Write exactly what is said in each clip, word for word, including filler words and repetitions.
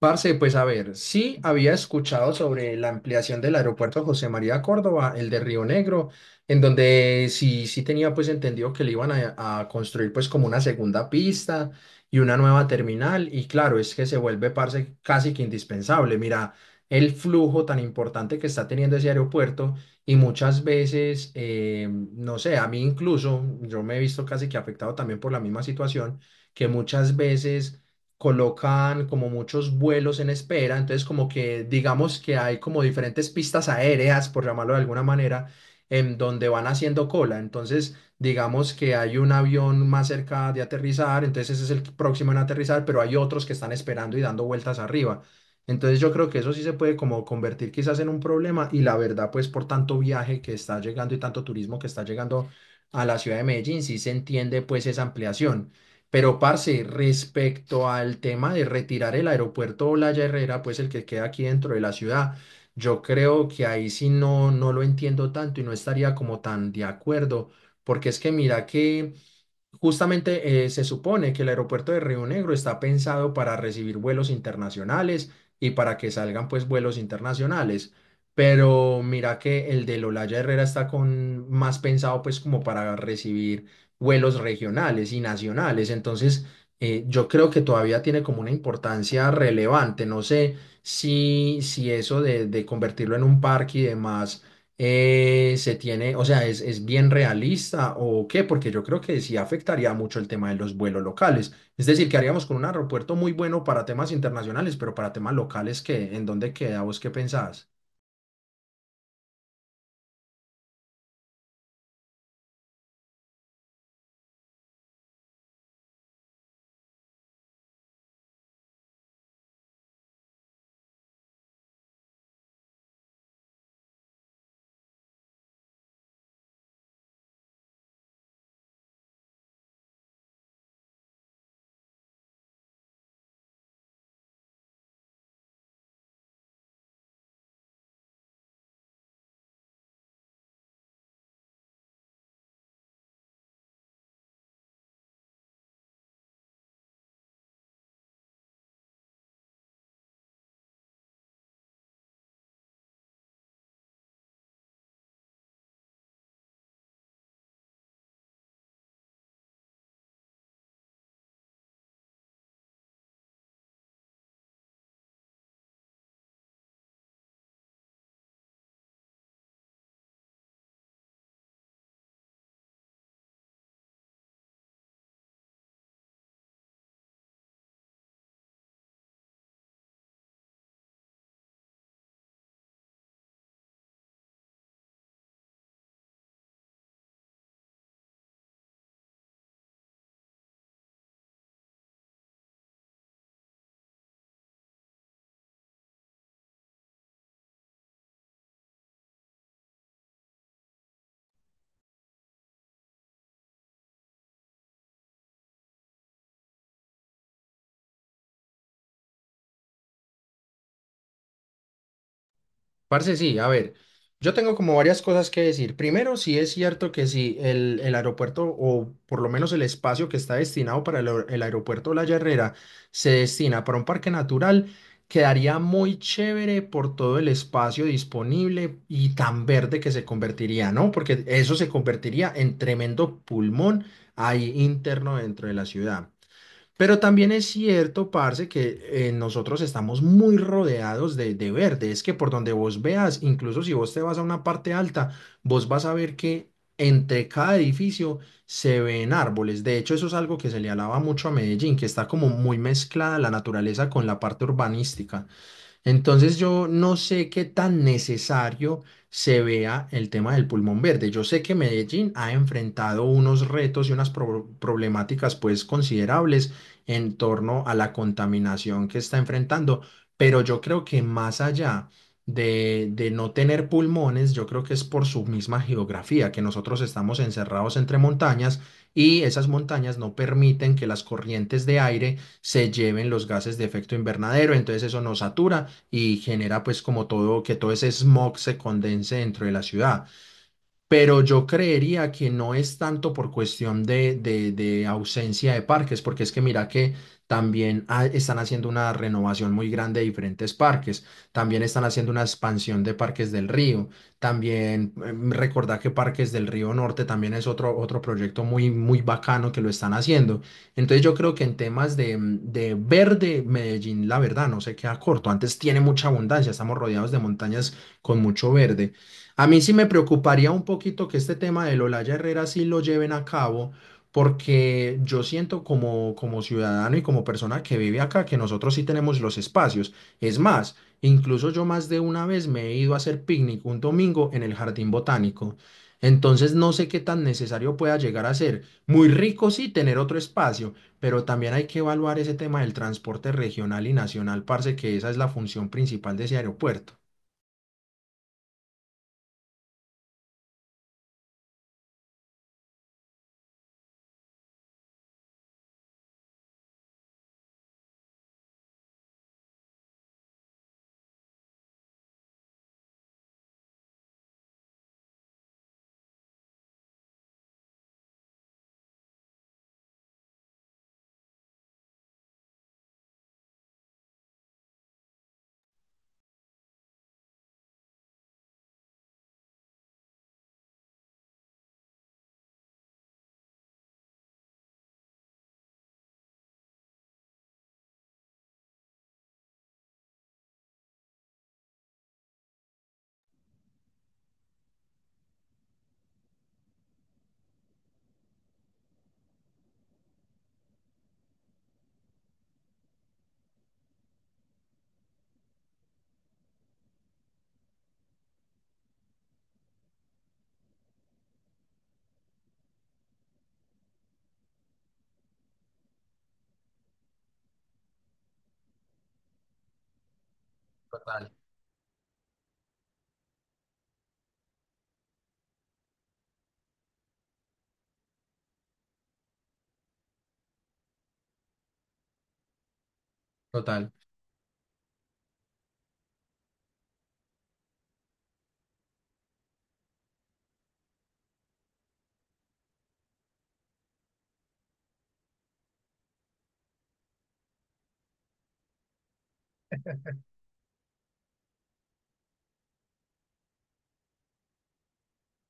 Parce, pues a ver, sí había escuchado sobre la ampliación del aeropuerto José María Córdoba, el de Río Negro, en donde sí, sí tenía pues entendido que le iban a, a construir pues como una segunda pista y una nueva terminal y claro, es que se vuelve parce casi que indispensable. Mira, el flujo tan importante que está teniendo ese aeropuerto y muchas veces, eh, no sé, a mí incluso, yo me he visto casi que afectado también por la misma situación, que muchas veces colocan como muchos vuelos en espera, entonces como que digamos que hay como diferentes pistas aéreas, por llamarlo de alguna manera, en donde van haciendo cola. Entonces digamos que hay un avión más cerca de aterrizar, entonces ese es el próximo en aterrizar, pero hay otros que están esperando y dando vueltas arriba. Entonces yo creo que eso sí se puede como convertir quizás en un problema y la verdad pues por tanto viaje que está llegando y tanto turismo que está llegando a la ciudad de Medellín, sí se entiende pues esa ampliación. Pero, parce, respecto al tema de retirar el aeropuerto Olaya Herrera, pues el que queda aquí dentro de la ciudad, yo creo que ahí sí no, no lo entiendo tanto y no estaría como tan de acuerdo, porque es que mira que justamente eh, se supone que el aeropuerto de Río Negro está pensado para recibir vuelos internacionales y para que salgan pues vuelos internacionales, pero mira que el de Lolaya Herrera está con más pensado pues como para recibir vuelos regionales y nacionales, entonces eh, yo creo que todavía tiene como una importancia relevante, no sé si, si eso de, de convertirlo en un parque y demás eh, se tiene, o sea, es, es bien realista o qué, porque yo creo que sí afectaría mucho el tema de los vuelos locales. Es decir, que haríamos con un aeropuerto muy bueno para temas internacionales, pero para temas locales, qué? ¿En dónde queda? ¿Vos qué pensás? Parce, sí, a ver, yo tengo como varias cosas que decir. Primero, sí es cierto que si el, el aeropuerto, o por lo menos el espacio que está destinado para el, aer- el aeropuerto La Herrera, se destina para un parque natural, quedaría muy chévere por todo el espacio disponible y tan verde que se convertiría, ¿no? Porque eso se convertiría en tremendo pulmón ahí interno dentro de la ciudad. Pero también es cierto, parce, que eh, nosotros estamos muy rodeados de, de verde. Es que por donde vos veas, incluso si vos te vas a una parte alta, vos vas a ver que entre cada edificio se ven árboles. De hecho, eso es algo que se le alaba mucho a Medellín, que está como muy mezclada la naturaleza con la parte urbanística. Entonces yo no sé qué tan necesario se vea el tema del pulmón verde. Yo sé que Medellín ha enfrentado unos retos y unas pro- problemáticas pues considerables en torno a la contaminación que está enfrentando, pero yo creo que más allá de, de no tener pulmones, yo creo que es por su misma geografía, que nosotros estamos encerrados entre montañas y esas montañas no permiten que las corrientes de aire se lleven los gases de efecto invernadero, entonces eso nos satura y genera pues como todo, que todo ese smog se condense dentro de la ciudad. Pero yo creería que no es tanto por cuestión de, de- de ausencia de parques, porque es que mira que también ha- están haciendo una renovación muy grande de diferentes parques, también están haciendo una expansión de Parques del Río, también em, recordá que Parques del Río Norte también es otro, otro proyecto muy, muy bacano que lo están haciendo. Entonces yo creo que en temas de, mm, de verde, Medellín, la verdad, no se queda corto. Antes tiene mucha abundancia, estamos rodeados de montañas con mucho verde. A mí sí me preocuparía un poquito que este tema del Olaya Herrera sí lo lleven a cabo, porque yo siento como, como ciudadano y como persona que vive acá que nosotros sí tenemos los espacios. Es más, incluso yo más de una vez me he ido a hacer picnic un domingo en el jardín botánico. Entonces no sé qué tan necesario pueda llegar a ser. Muy rico sí tener otro espacio, pero también hay que evaluar ese tema del transporte regional y nacional, parce, que esa es la función principal de ese aeropuerto. Total. Total.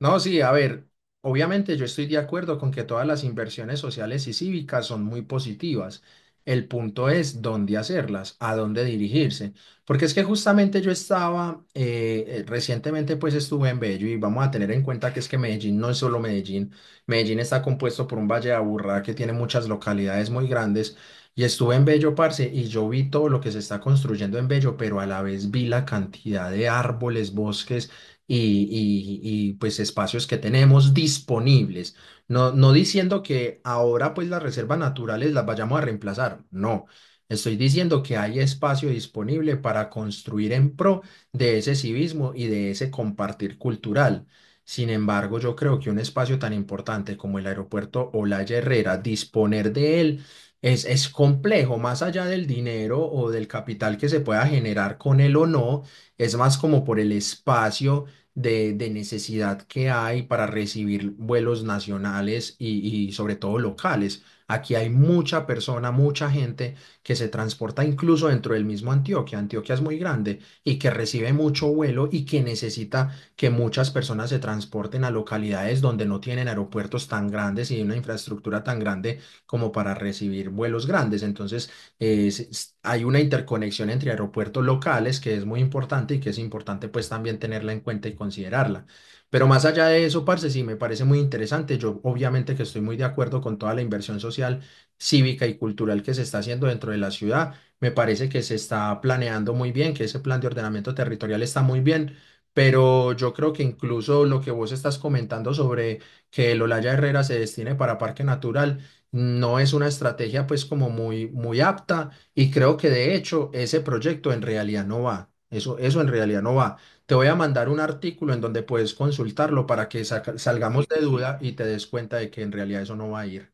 No, sí, a ver, obviamente yo estoy de acuerdo con que todas las inversiones sociales y cívicas son muy positivas. El punto es dónde hacerlas, a dónde dirigirse. Porque es que justamente yo estaba, eh, eh, recientemente pues estuve en Bello y vamos a tener en cuenta que es que Medellín no es solo Medellín. Medellín está compuesto por un valle de Aburrá que tiene muchas localidades muy grandes. Y estuve en Bello, parce, y yo vi todo lo que se está construyendo en Bello, pero a la vez vi la cantidad de árboles, bosques y, y- y, pues espacios que tenemos disponibles. No, no diciendo que ahora pues las reservas naturales las vayamos a reemplazar, no. Estoy diciendo que hay espacio disponible para construir en pro de ese civismo y de ese compartir cultural. Sin embargo, yo creo que un espacio tan importante como el aeropuerto Olaya Herrera, disponer de él es, es complejo, más allá del dinero o del capital que se pueda generar con él o no, es más como por el espacio de, de necesidad que hay para recibir vuelos nacionales y, y sobre todo locales. Aquí hay mucha persona, mucha gente que se transporta incluso dentro del mismo Antioquia. Antioquia es muy grande y que recibe mucho vuelo y que necesita que muchas personas se transporten a localidades donde no tienen aeropuertos tan grandes y una infraestructura tan grande como para recibir vuelos grandes. Entonces, es- hay una interconexión entre aeropuertos locales que es muy importante y que es importante pues también tenerla en cuenta y considerarla. Pero más allá de eso, parce, sí, me parece muy interesante. Yo obviamente que estoy muy de acuerdo con toda la inversión social, cívica y cultural que se está haciendo dentro de la ciudad. Me parece que se está planeando muy bien, que ese plan de ordenamiento territorial está muy bien. Pero yo creo que incluso lo que vos estás comentando sobre que el Olaya Herrera se destine para Parque Natural, no es una estrategia pues como muy, muy apta y creo que de hecho ese proyecto en realidad no va. Eso, eso en realidad no va. Te voy a mandar un artículo en donde puedes consultarlo para que saca- salgamos de duda y te des cuenta de que en realidad eso no va a ir.